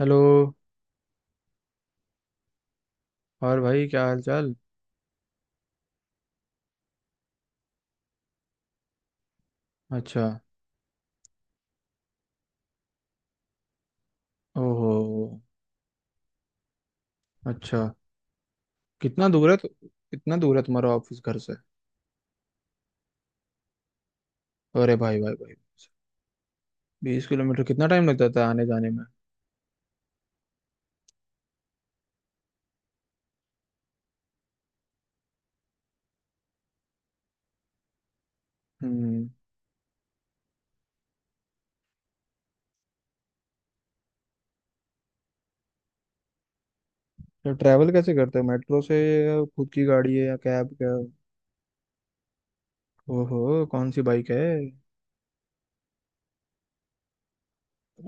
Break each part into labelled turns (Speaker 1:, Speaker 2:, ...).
Speaker 1: Hello. और भाई क्या हाल चाल? अच्छा। ओहो। अच्छा, कितना दूर है तुम्हारा ऑफिस घर से? अरे भाई भाई भाई, 20 किलोमीटर कितना टाइम लगता था आने जाने में? हम्म। तो ट्रैवल कैसे करते हो, मेट्रो से या खुद की गाड़ी है या कैब क्या? ओहो। कौन सी बाइक है?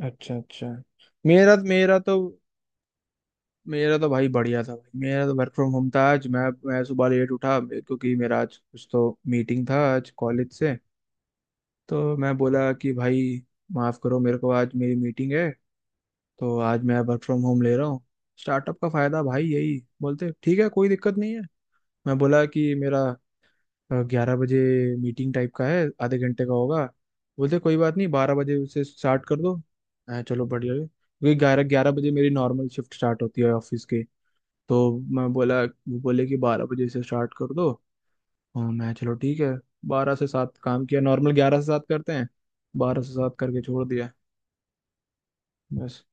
Speaker 1: अच्छा अच्छा। मेरा मेरा तो भाई बढ़िया था भाई। मेरा तो वर्क फ्रॉम होम था आज। मैं सुबह लेट उठा क्योंकि मेरा आज कुछ तो मीटिंग था आज कॉलेज से। तो मैं बोला कि भाई माफ़ करो मेरे को, आज मेरी मीटिंग है, तो आज मैं वर्क फ्रॉम होम ले रहा हूँ। स्टार्टअप का फ़ायदा भाई, यही बोलते ठीक है कोई दिक्कत नहीं है। मैं बोला कि मेरा 11 बजे मीटिंग टाइप का है, आधे घंटे का होगा। बोलते कोई बात नहीं 12 बजे से स्टार्ट कर दो। मैं चलो बढ़िया है क्योंकि ग्यारह ग्यारह बजे मेरी नॉर्मल शिफ्ट स्टार्ट होती है ऑफिस की। तो मैं बोला, वो बोले कि 12 बजे से स्टार्ट कर दो। हाँ मैं चलो ठीक है। 12 से 7 काम किया, नॉर्मल 11 से 7 करते हैं, 12 से 7 करके छोड़ दिया बस।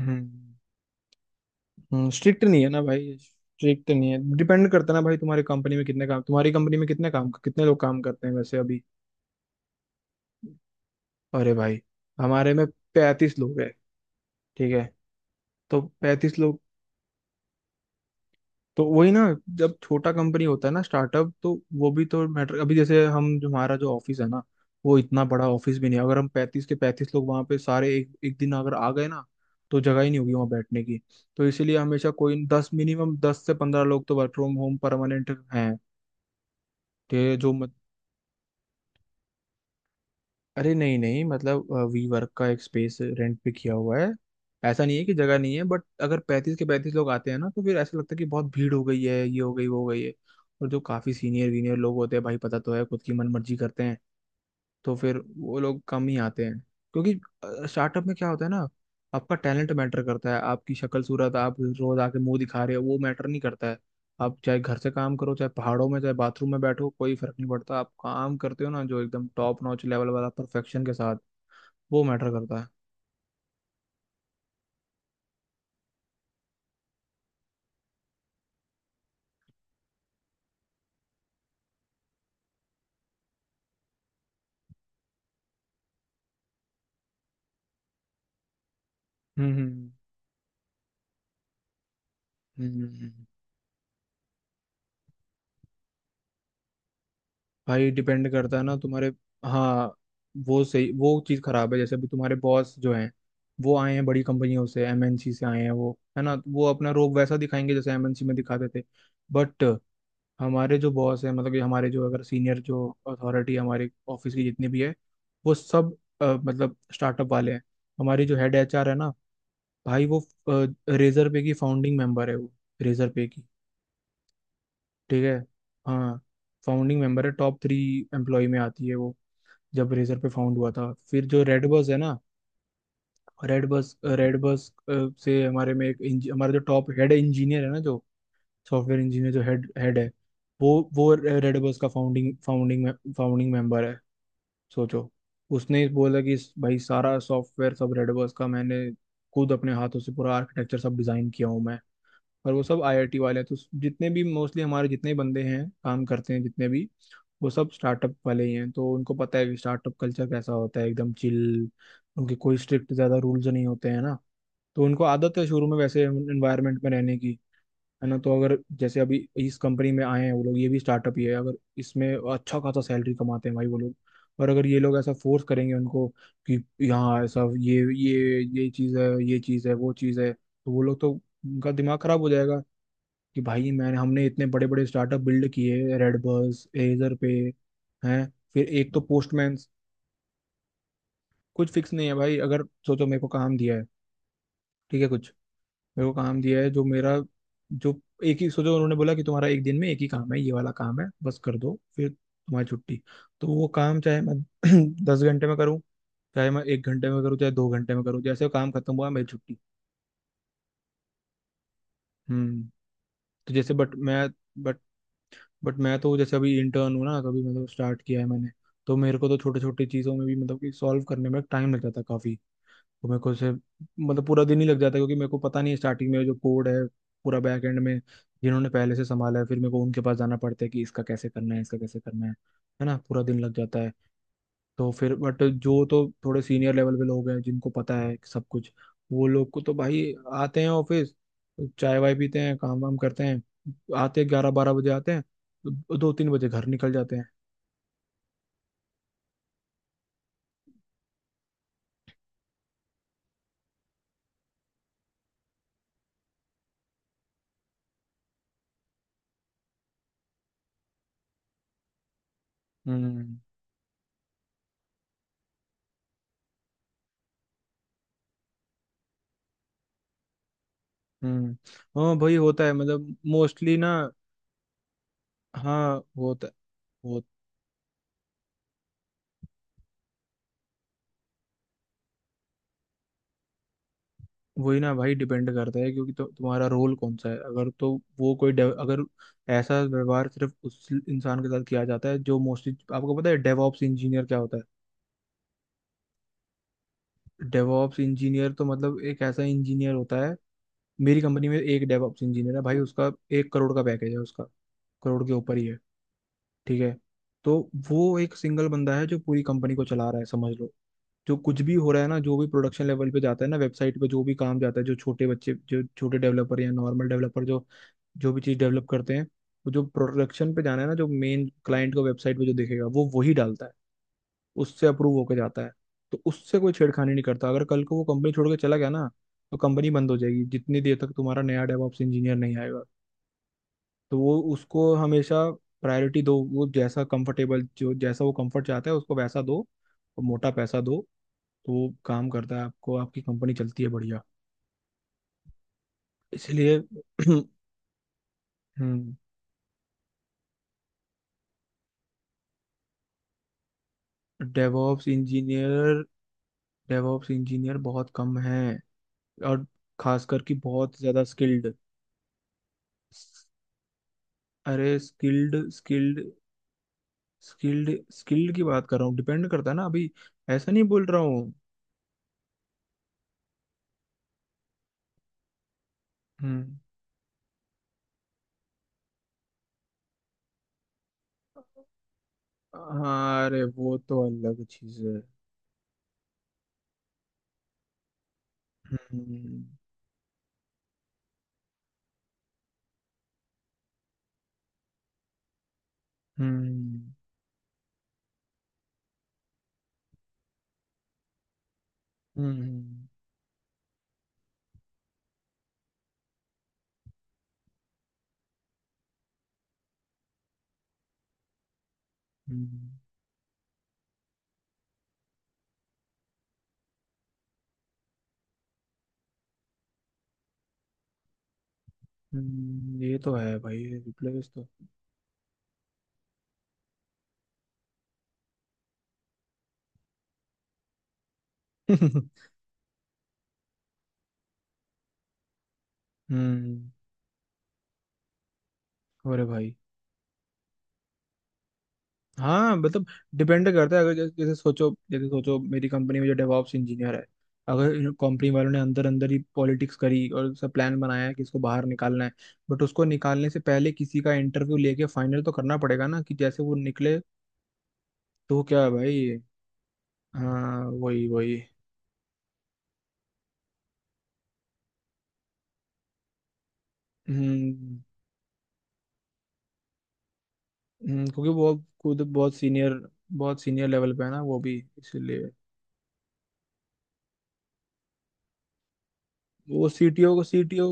Speaker 1: हम्म। स्ट्रिक्ट नहीं है ना भाई, स्ट्रिक्ट नहीं है, डिपेंड करता है ना भाई, तुम्हारी कंपनी में कितने लोग काम करते हैं वैसे अभी? अरे भाई, हमारे में 35 लोग हैं, ठीक है? तो 35 लोग। तो वही ना, जब छोटा कंपनी होता है ना स्टार्टअप, तो वो भी तो मैटर। अभी जैसे हम जो हमारा जो ऑफिस है ना, वो इतना बड़ा ऑफिस भी नहीं है। अगर हम 35 के 35 लोग वहां पे सारे 1 1 दिन अगर आ गए ना, तो जगह ही नहीं होगी वहां बैठने की। तो इसीलिए हमेशा कोई 10 मिनिमम 10 से 15 लोग तो वर्क फ्रॉम होम परमानेंट हैं। ये जो, अरे नहीं नहीं मतलब, वी वर्क का एक स्पेस रेंट पे किया हुआ है। ऐसा नहीं है कि जगह नहीं है, बट अगर 35 के 35 लोग आते हैं ना तो फिर ऐसा लगता है कि बहुत भीड़ हो गई है, ये हो गई वो हो गई है। और जो काफी सीनियर वीनियर लोग होते हैं भाई, पता तो है, खुद की मन मर्जी करते हैं। तो फिर वो लोग कम ही आते हैं। क्योंकि स्टार्टअप में क्या होता है ना, आपका टैलेंट मैटर करता है। आपकी शक्ल सूरत आप रोज आके मुंह दिखा रहे हो, वो मैटर नहीं करता है। आप चाहे घर से काम करो, चाहे पहाड़ों में, चाहे बाथरूम में बैठो, कोई फर्क नहीं पड़ता। आप काम करते हो ना जो एकदम टॉप नॉच लेवल वाला परफेक्शन के साथ, वो मैटर करता है। हम्म हम्म, हम्म। भाई डिपेंड करता है ना तुम्हारे। हाँ, वो सही, वो चीज़ खराब है। जैसे अभी तुम्हारे बॉस जो हैं, वो आए हैं बड़ी कंपनियों से, एमएनसी से आए हैं वो, है ना? तो वो अपना रोब वैसा दिखाएंगे जैसे एमएनसी में दिखाते थे। बट हमारे जो बॉस है, मतलब कि हमारे जो, अगर सीनियर, जो अथॉरिटी हमारे ऑफिस की जितनी भी है, वो सब मतलब स्टार्टअप वाले हैं। हमारी जो हेड एचआर है ना भाई, वो रेजर पे की फाउंडिंग मेंबर है वो, रेजर पे की, ठीक है? हाँ, फाउंडिंग मेंबर है, टॉप 3 एम्प्लॉय में आती है वो, जब रेजर पे फाउंड हुआ था। फिर जो रेड बस है ना, रेड बस से हमारे में एक हमारा जो टॉप हेड इंजीनियर है ना, जो सॉफ्टवेयर इंजीनियर, जो हेड हेड है, वो रेड बस का फाउंडिंग फाउंडिंग फाउंडिंग मेंबर है, सोचो। उसने बोला कि भाई सारा सॉफ्टवेयर सब रेड बस का मैंने खुद अपने हाथों से पूरा आर्किटेक्चर सब डिजाइन किया हूँ मैं। पर वो सब आईआईटी वाले हैं। तो जितने भी मोस्टली हमारे जितने बंदे हैं काम करते हैं जितने भी, वो सब स्टार्टअप वाले ही हैं। तो उनको पता है कि स्टार्टअप कल्चर कैसा होता है, एकदम चिल। उनके कोई स्ट्रिक्ट ज़्यादा रूल्स नहीं होते हैं ना। तो उनको आदत है शुरू में वैसे एनवायरनमेंट में रहने की, है ना? तो अगर जैसे अभी इस कंपनी में आए हैं वो लोग, ये भी स्टार्टअप ही है। अगर इसमें अच्छा खासा सैलरी कमाते हैं भाई वो लोग, और अगर ये लोग ऐसा फोर्स करेंगे उनको कि यहाँ ऐसा ये चीज़ है, ये चीज़ है, वो चीज़ है, तो वो लोग तो, उनका दिमाग खराब हो जाएगा कि भाई मैंने हमने इतने बड़े बड़े स्टार्टअप बिल्ड किए, रेडबर्स एजर पे हैं, फिर एक तो पोस्टमैन। कुछ फिक्स नहीं है भाई। अगर सोचो मेरे को काम दिया है, ठीक है, कुछ, मेरे को काम दिया है जो मेरा जो एक ही, सोचो उन्होंने बोला कि तुम्हारा एक दिन में एक ही काम है, ये वाला काम है, बस कर दो फिर तुम्हारी छुट्टी। तो वो काम चाहे मैं 10 घंटे में करूँ, चाहे मैं 1 घंटे में करूँ, चाहे 2 घंटे में करूँ, जैसे काम खत्म हुआ मेरी छुट्टी। हम्म। तो जैसे बट मैं बट तो जैसे अभी इंटर्न हूँ ना, कभी मतलब स्टार्ट किया है मैंने, तो मेरे को तो छोटे छोटे चीज़ों में भी मतलब कि सॉल्व करने में टाइम लग जाता है काफ़ी। तो मेरे को से मतलब पूरा दिन ही लग जाता है, क्योंकि मेरे को पता नहीं है स्टार्टिंग में जो कोड है पूरा बैक एंड में, जिन्होंने पहले से संभाला है। फिर मेरे को उनके पास जाना पड़ता है कि इसका कैसे करना है, इसका कैसे करना है ना? पूरा दिन लग जाता है। तो फिर बट जो तो थोड़े सीनियर लेवल पे लोग हैं जिनको पता है सब कुछ, वो लोग को तो भाई आते हैं ऑफिस, चाय वाय पीते हैं, काम वाम करते हैं, आते 11-12 बजे आते हैं, 2-3 बजे घर निकल जाते हैं। हम्म हम्म। हाँ भाई होता है, मतलब मोस्टली ना, हाँ होता है। वो वही ना भाई, डिपेंड करता है, क्योंकि तो, तुम्हारा रोल कौन सा है अगर तो, वो कोई अगर ऐसा व्यवहार सिर्फ उस इंसान के साथ किया जाता है जो मोस्टली, आपको पता है डेवऑप्स इंजीनियर क्या होता है? डेवॉप्स इंजीनियर तो मतलब एक ऐसा इंजीनियर होता है, मेरी कंपनी में एक डेवॉप्स इंजीनियर है भाई, उसका 1 करोड़ का पैकेज है उसका, करोड़ के ऊपर ही है, ठीक है? तो वो एक सिंगल बंदा है जो पूरी कंपनी को चला रहा है समझ लो। जो कुछ भी हो रहा है ना, जो भी प्रोडक्शन लेवल पे जाता है ना, वेबसाइट पे जो भी काम जाता है, जो छोटे बच्चे, जो छोटे डेवलपर या नॉर्मल डेवलपर जो जो भी चीज़ डेवलप करते हैं, वो जो प्रोडक्शन पे जाना है ना, जो मेन क्लाइंट को वेबसाइट पे जो दिखेगा वो वही डालता है, उससे अप्रूव होकर जाता है। तो उससे कोई छेड़खानी नहीं करता। अगर कल को वो कंपनी छोड़ के चला गया ना, तो कंपनी बंद हो जाएगी जितनी देर तक तुम्हारा नया डेवऑप्स इंजीनियर नहीं आएगा। तो वो उसको हमेशा प्रायोरिटी दो, वो जैसा कंफर्टेबल, जो जैसा वो कंफर्ट चाहता है उसको वैसा दो, और मोटा पैसा दो। तो वो काम करता है, आपको आपकी कंपनी चलती है बढ़िया। इसलिए डेवऑप्स इंजीनियर डेवऑप्स इंजीनियर बहुत कम हैं, और खासकर कि बहुत ज़्यादा स्किल्ड। अरे स्किल्ड स्किल्ड की बात कर रहा हूँ, डिपेंड करता है ना अभी। ऐसा नहीं बोल रहा हूँ। हम्म। हाँ, अरे वो तो अलग चीज है। हम्म हम्म हम्म हम्म, हम्म, ये तो है भाई, रिप्लेस तो। हम्म। अरे भाई, हाँ मतलब। डिपेंड करता है अगर जैसे जैसे सोचो, मेरी कंपनी में जो डेवॉप्स इंजीनियर है, अगर कंपनी वालों ने अंदर अंदर ही पॉलिटिक्स करी और सब प्लान बनाया है कि इसको बाहर निकालना है, बट उसको निकालने से पहले किसी का इंटरव्यू लेके फाइनल तो करना पड़ेगा ना, कि जैसे वो निकले। तो क्या है भाई। हाँ वही वही। हम्म क्योंकि वो खुद बहुत सीनियर, बहुत सीनियर लेवल पे है ना वो भी, इसीलिए। वो सीटीओ को सीटीओ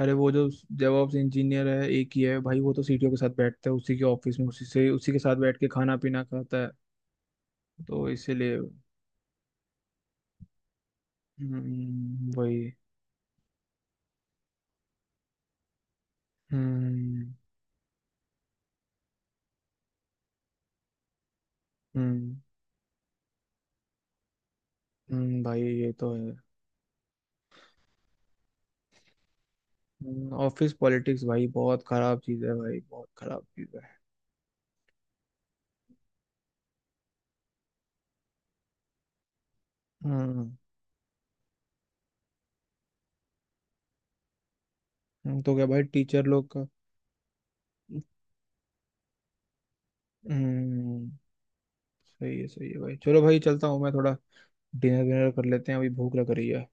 Speaker 1: अरे वो जो डेवऑप्स इंजीनियर है एक ही है भाई, वो तो सीटीओ के साथ बैठता है उसी के ऑफिस में, उसी के साथ बैठ के खाना पीना खाता है। तो इसीलिए। वही। हम्म हम्म भाई ये तो है। ऑफिस पॉलिटिक्स भाई बहुत खराब चीज है भाई, बहुत खराब चीज है। हम्म तो क्या भाई, टीचर लोग का। हम्म। सही है भाई, चलो भाई चलता हूँ मैं थोड़ा, डिनर विनर कर लेते हैं अभी भूख लग रही है।